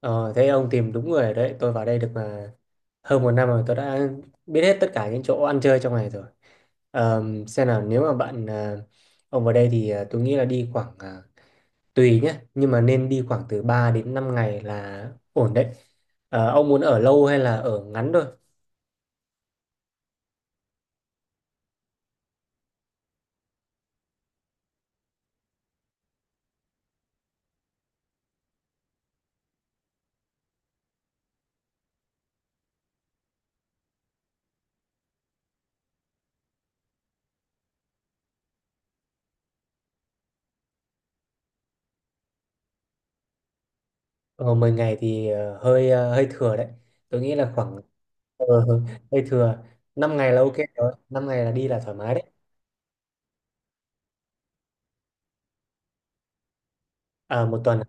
Ờ, thế ông tìm đúng người rồi đấy. Tôi vào đây được mà hơn một năm rồi. Tôi đã biết hết tất cả những chỗ ăn chơi trong này rồi. Xem nào, nếu mà ông vào đây thì tôi nghĩ là đi tùy nhé. Nhưng mà nên đi khoảng từ 3 đến 5 ngày là ổn đấy. Ông muốn ở lâu hay là ở ngắn thôi? Ờ, 10 ngày thì hơi thừa đấy. Tôi nghĩ là khoảng ờ, hơi thừa. 5 ngày là ok rồi. 5 ngày là đi là thoải mái đấy. Một tuần.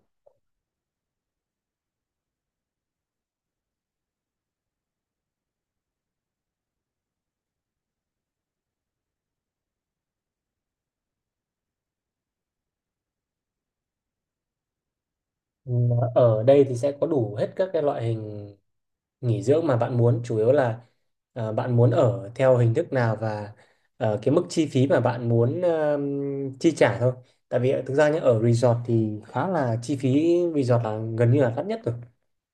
Ừ, ở đây thì sẽ có đủ hết các cái loại hình nghỉ dưỡng mà bạn muốn, chủ yếu là bạn muốn ở theo hình thức nào và cái mức chi phí mà bạn muốn chi trả thôi. Tại vì thực ra nhé, ở resort thì khá là, chi phí resort là gần như là đắt nhất rồi.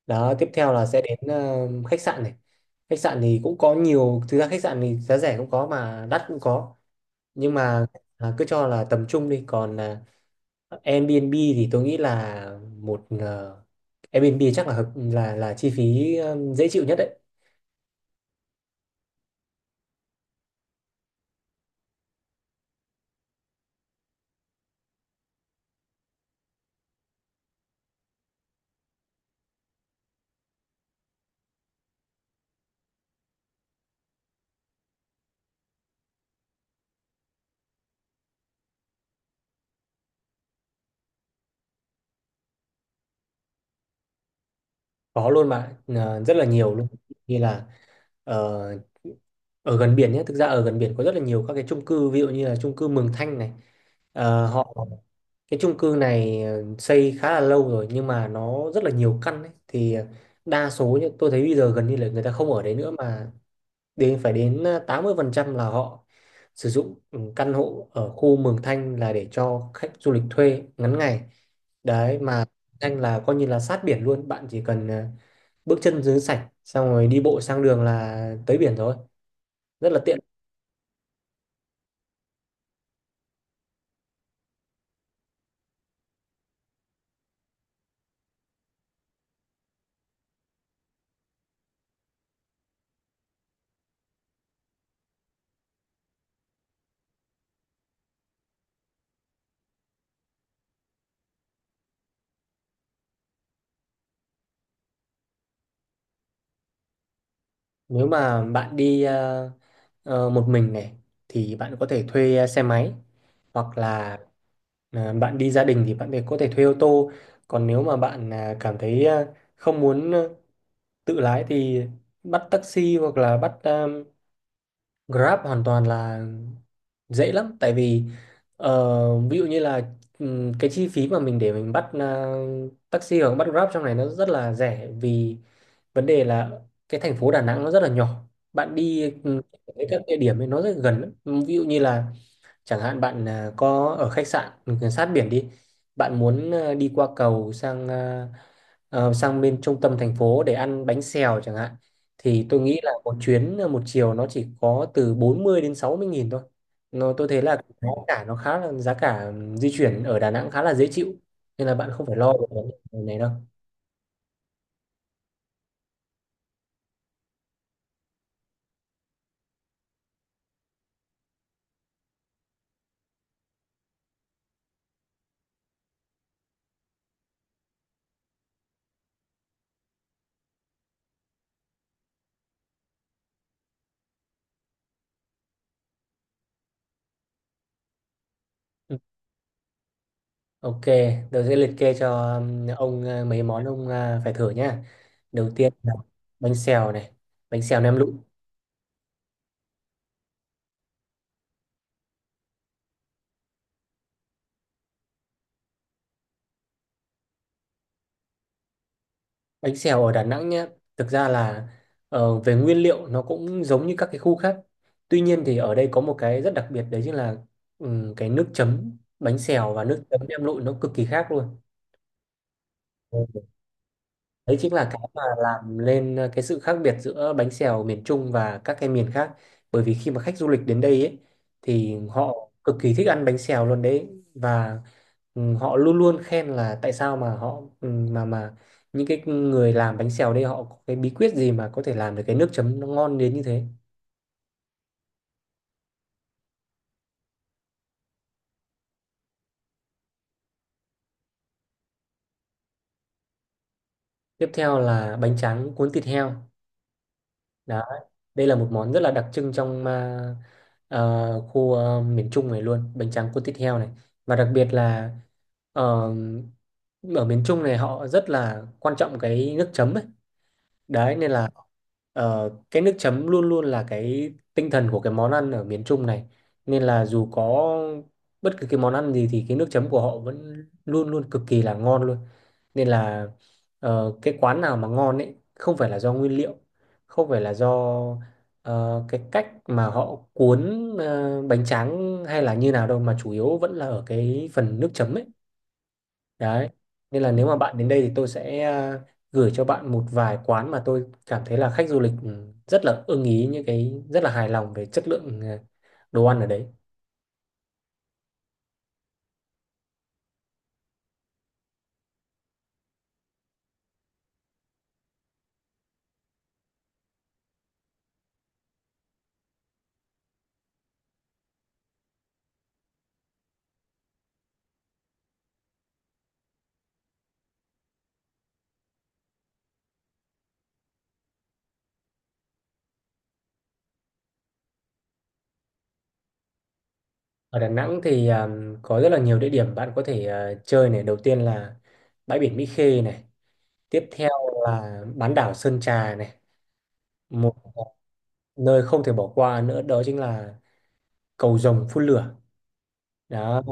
Đó, tiếp theo là sẽ đến khách sạn này. Khách sạn thì cũng có nhiều, thực ra khách sạn thì giá rẻ cũng có mà đắt cũng có, nhưng mà cứ cho là tầm trung đi, còn Airbnb thì tôi nghĩ là Airbnb chắc là hợp, là chi phí dễ chịu nhất đấy. Có luôn mà, rất là nhiều luôn. Như là ờ, ở gần biển nhé, thực ra ở gần biển có rất là nhiều các cái chung cư, ví dụ như là chung cư Mường Thanh này. Ờ, họ Cái chung cư này xây khá là lâu rồi nhưng mà nó rất là nhiều căn ấy. Thì đa số nhá, tôi thấy bây giờ gần như là người ta không ở đấy nữa, mà đến phải đến 80% là họ sử dụng căn hộ ở khu Mường Thanh là để cho khách du lịch thuê ngắn ngày đấy mà. Anh là coi như là sát biển luôn, bạn chỉ cần bước chân dưới sạch xong rồi đi bộ sang đường là tới biển rồi, rất là tiện. Nếu mà bạn đi một mình này thì bạn có thể thuê xe máy, hoặc là bạn đi gia đình thì bạn có thể thuê ô tô. Còn nếu mà bạn cảm thấy không muốn tự lái thì bắt taxi, hoặc là bắt Grab hoàn toàn là dễ lắm. Tại vì ví dụ như là cái chi phí mà mình để mình bắt taxi hoặc bắt Grab trong này nó rất là rẻ, vì vấn đề là cái thành phố Đà Nẵng nó rất là nhỏ, bạn đi tới các địa điểm ấy nó rất gần lắm. Ví dụ như là, chẳng hạn bạn có ở khách sạn sát biển đi, bạn muốn đi qua cầu sang bên trung tâm thành phố để ăn bánh xèo chẳng hạn, thì tôi nghĩ là một chuyến một chiều nó chỉ có từ 40 đến 60 nghìn thôi. Nó tôi thấy là giá cả nó khá là, giá cả di chuyển ở Đà Nẵng khá là dễ chịu, nên là bạn không phải lo về vấn đề này đâu. Ừ, ok, tôi sẽ liệt kê cho ông mấy món ông phải thử nhá. Đầu tiên là bánh xèo này, bánh xèo nem lụi. Bánh xèo ở Đà Nẵng nhé, thực ra là về nguyên liệu nó cũng giống như các cái khu khác. Tuy nhiên thì ở đây có một cái rất đặc biệt, đấy chính là cái nước chấm bánh xèo và nước chấm nem lụi nó cực kỳ khác luôn. Đấy chính là cái mà làm lên cái sự khác biệt giữa bánh xèo miền Trung và các cái miền khác. Bởi vì khi mà khách du lịch đến đây ấy, thì họ cực kỳ thích ăn bánh xèo luôn đấy, và họ luôn luôn khen là tại sao mà mà những cái người làm bánh xèo đây họ có cái bí quyết gì mà có thể làm được cái nước chấm nó ngon đến như thế. Tiếp theo là bánh tráng cuốn thịt heo. Đó, đây là một món rất là đặc trưng trong khu miền Trung này luôn, bánh tráng cuốn thịt heo này. Và đặc biệt là, Ờ, ở miền Trung này họ rất là quan trọng cái nước chấm ấy. Đấy, nên là cái nước chấm luôn luôn là cái tinh thần của cái món ăn ở miền Trung này. Nên là dù có bất cứ cái món ăn gì thì cái nước chấm của họ vẫn luôn luôn cực kỳ là ngon luôn. Nên là cái quán nào mà ngon ấy không phải là do nguyên liệu, không phải là do cái cách mà họ cuốn bánh tráng hay là như nào đâu, mà chủ yếu vẫn là ở cái phần nước chấm ấy. Đấy. Nên là nếu mà bạn đến đây thì tôi sẽ gửi cho bạn một vài quán mà tôi cảm thấy là khách du lịch rất là ưng ý, những cái rất là hài lòng về chất lượng đồ ăn ở đấy. Ở Đà Nẵng thì có rất là nhiều địa điểm bạn có thể chơi này. Đầu tiên là bãi biển Mỹ Khê này. Tiếp theo là bán đảo Sơn Trà này. Một à, Nơi không thể bỏ qua nữa đó chính là Cầu Rồng phun lửa. Đó.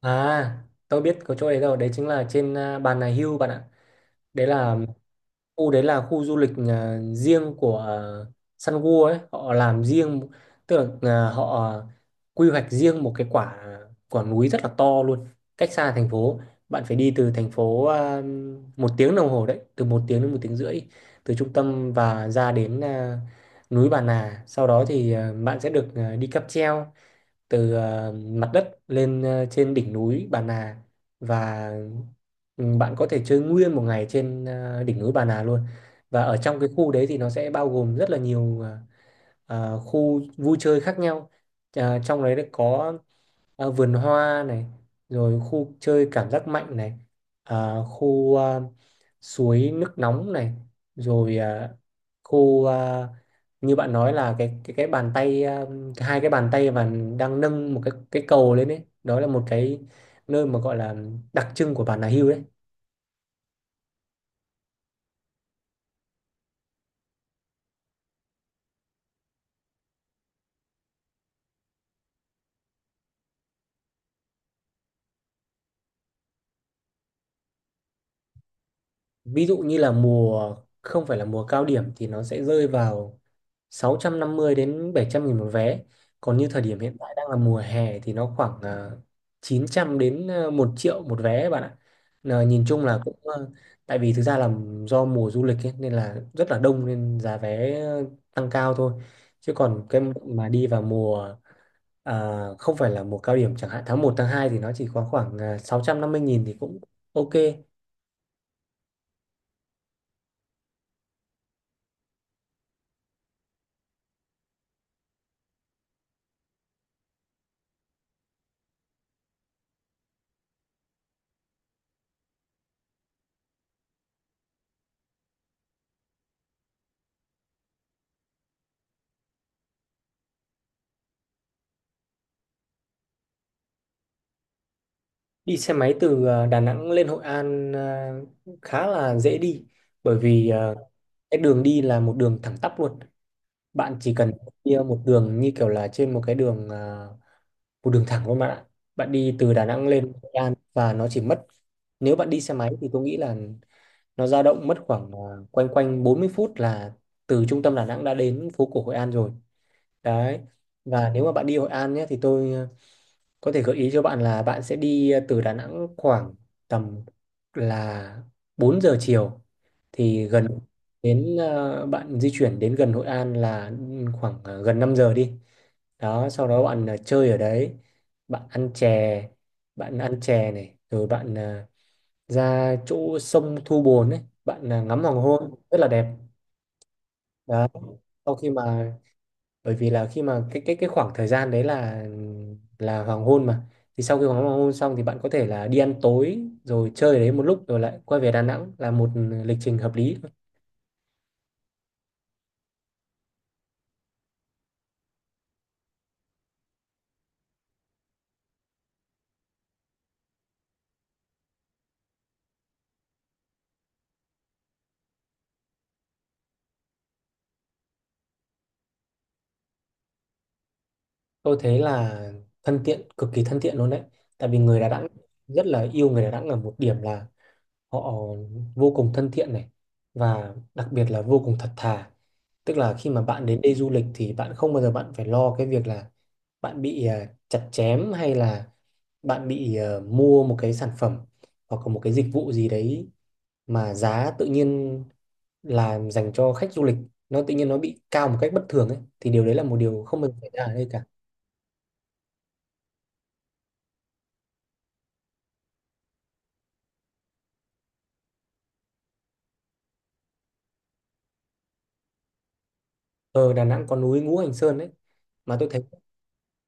À, tôi biết có chỗ đấy rồi. Đấy chính là trên Bà Nà Hills bạn ạ. Đấy là đấy là khu du lịch riêng của Sun World ấy, họ làm riêng, tức là họ quy hoạch riêng một cái quả núi rất là to luôn, cách xa thành phố. Bạn phải đi từ thành phố một tiếng đồng hồ đấy, từ một tiếng đến một tiếng rưỡi từ trung tâm, và ra đến núi Bà Nà, sau đó thì bạn sẽ được đi cáp treo từ mặt đất lên trên đỉnh núi Bà Nà. Và bạn có thể chơi nguyên một ngày trên đỉnh núi Bà Nà luôn. Và ở trong cái khu đấy thì nó sẽ bao gồm rất là nhiều khu vui chơi khác nhau. Trong đấy có vườn hoa này, rồi khu chơi cảm giác mạnh này, khu suối nước nóng này, rồi khu như bạn nói là cái bàn tay, hai cái bàn tay và đang nâng một cái cầu lên đấy. Đó là một cái nơi mà gọi là đặc trưng của Bà Nà Hills đấy. Ví dụ như là mùa không phải là mùa cao điểm thì nó sẽ rơi vào 650 đến 700 nghìn một vé. Còn như thời điểm hiện tại đang là mùa hè thì nó khoảng 900 đến 1 triệu một vé bạn ạ. Là nhìn chung là cũng tại vì thực ra là do mùa du lịch ấy, nên là rất là đông, nên giá vé tăng cao thôi. Chứ còn cái mà đi vào mùa không phải là mùa cao điểm chẳng hạn tháng 1 tháng 2 thì nó chỉ có khoảng 650 nghìn thì cũng ok. Đi xe máy từ Đà Nẵng lên Hội An khá là dễ đi, bởi vì cái đường đi là một đường thẳng tắp luôn. Bạn chỉ cần đi một đường như kiểu là trên một cái đường, một đường thẳng luôn bạn ạ. Bạn đi từ Đà Nẵng lên Hội An và nó chỉ mất, nếu bạn đi xe máy thì tôi nghĩ là nó dao động mất khoảng quanh quanh 40 phút là từ trung tâm Đà Nẵng đã đến phố cổ Hội An rồi. Đấy. Và nếu mà bạn đi Hội An nhé thì tôi có thể gợi ý cho bạn là bạn sẽ đi từ Đà Nẵng khoảng tầm là 4 giờ chiều thì gần đến, bạn di chuyển đến gần Hội An là khoảng gần 5 giờ đi. Đó, sau đó bạn chơi ở đấy, bạn ăn chè, bạn ăn chè, này, rồi bạn ra chỗ sông Thu Bồn ấy, bạn ngắm hoàng hôn rất là đẹp. Đó. Sau khi mà Bởi vì là khi mà cái khoảng thời gian đấy là hoàng hôn mà, thì sau khi hoàng hoàng hôn xong thì bạn có thể là đi ăn tối rồi chơi đấy một lúc rồi lại quay về Đà Nẵng, là một lịch trình hợp lý. Tôi thấy là thân thiện, cực kỳ thân thiện luôn đấy, tại vì người Đà Nẵng ở một điểm là họ vô cùng thân thiện này, và đặc biệt là vô cùng thật thà, tức là khi mà bạn đến đây du lịch thì bạn không bao giờ bạn phải lo cái việc là bạn bị chặt chém, hay là bạn bị mua một cái sản phẩm hoặc là một cái dịch vụ gì đấy mà giá tự nhiên là dành cho khách du lịch, nó tự nhiên nó bị cao một cách bất thường ấy, thì điều đấy là một điều không bao giờ xảy ra ở đây cả. Ờ, Đà Nẵng có núi Ngũ Hành Sơn đấy, mà tôi thấy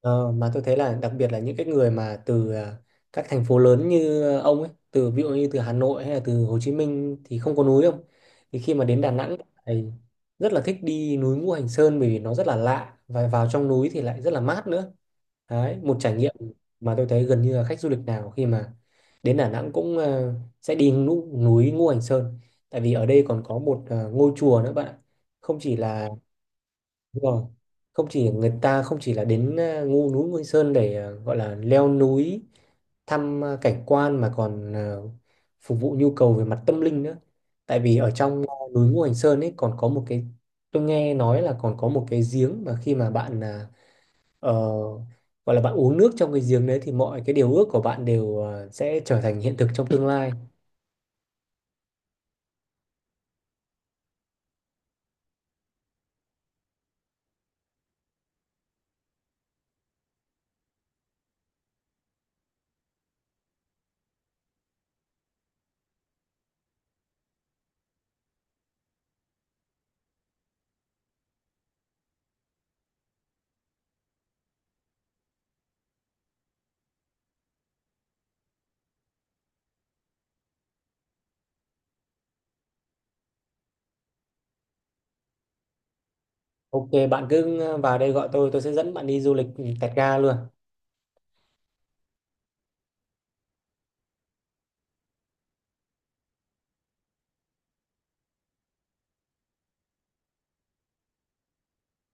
là đặc biệt là những cái người mà từ các thành phố lớn như ông ấy, từ ví dụ như từ Hà Nội hay là từ Hồ Chí Minh thì không có núi không, thì khi mà đến Đà Nẵng thì rất là thích đi núi Ngũ Hành Sơn bởi vì nó rất là lạ, và vào trong núi thì lại rất là mát nữa đấy. Một trải nghiệm mà tôi thấy gần như là khách du lịch nào khi mà đến Đà Nẵng cũng sẽ đi núi, Ngũ Hành Sơn, tại vì ở đây còn có một ngôi chùa nữa bạn ạ, không chỉ là. Đúng rồi. Không chỉ người ta, không chỉ là đến ngu núi Ngôi Sơn để gọi là leo núi, thăm cảnh quan, mà còn phục vụ nhu cầu về mặt tâm linh nữa. Tại vì ở trong núi Ngũ Hành Sơn ấy còn có một tôi nghe nói là còn có một cái giếng mà khi mà bạn ờ, gọi là bạn uống nước trong cái giếng đấy thì mọi cái điều ước của bạn đều sẽ trở thành hiện thực trong tương lai. Ok, bạn cứ vào đây gọi tôi sẽ dẫn bạn đi du lịch Tẹt Ga luôn.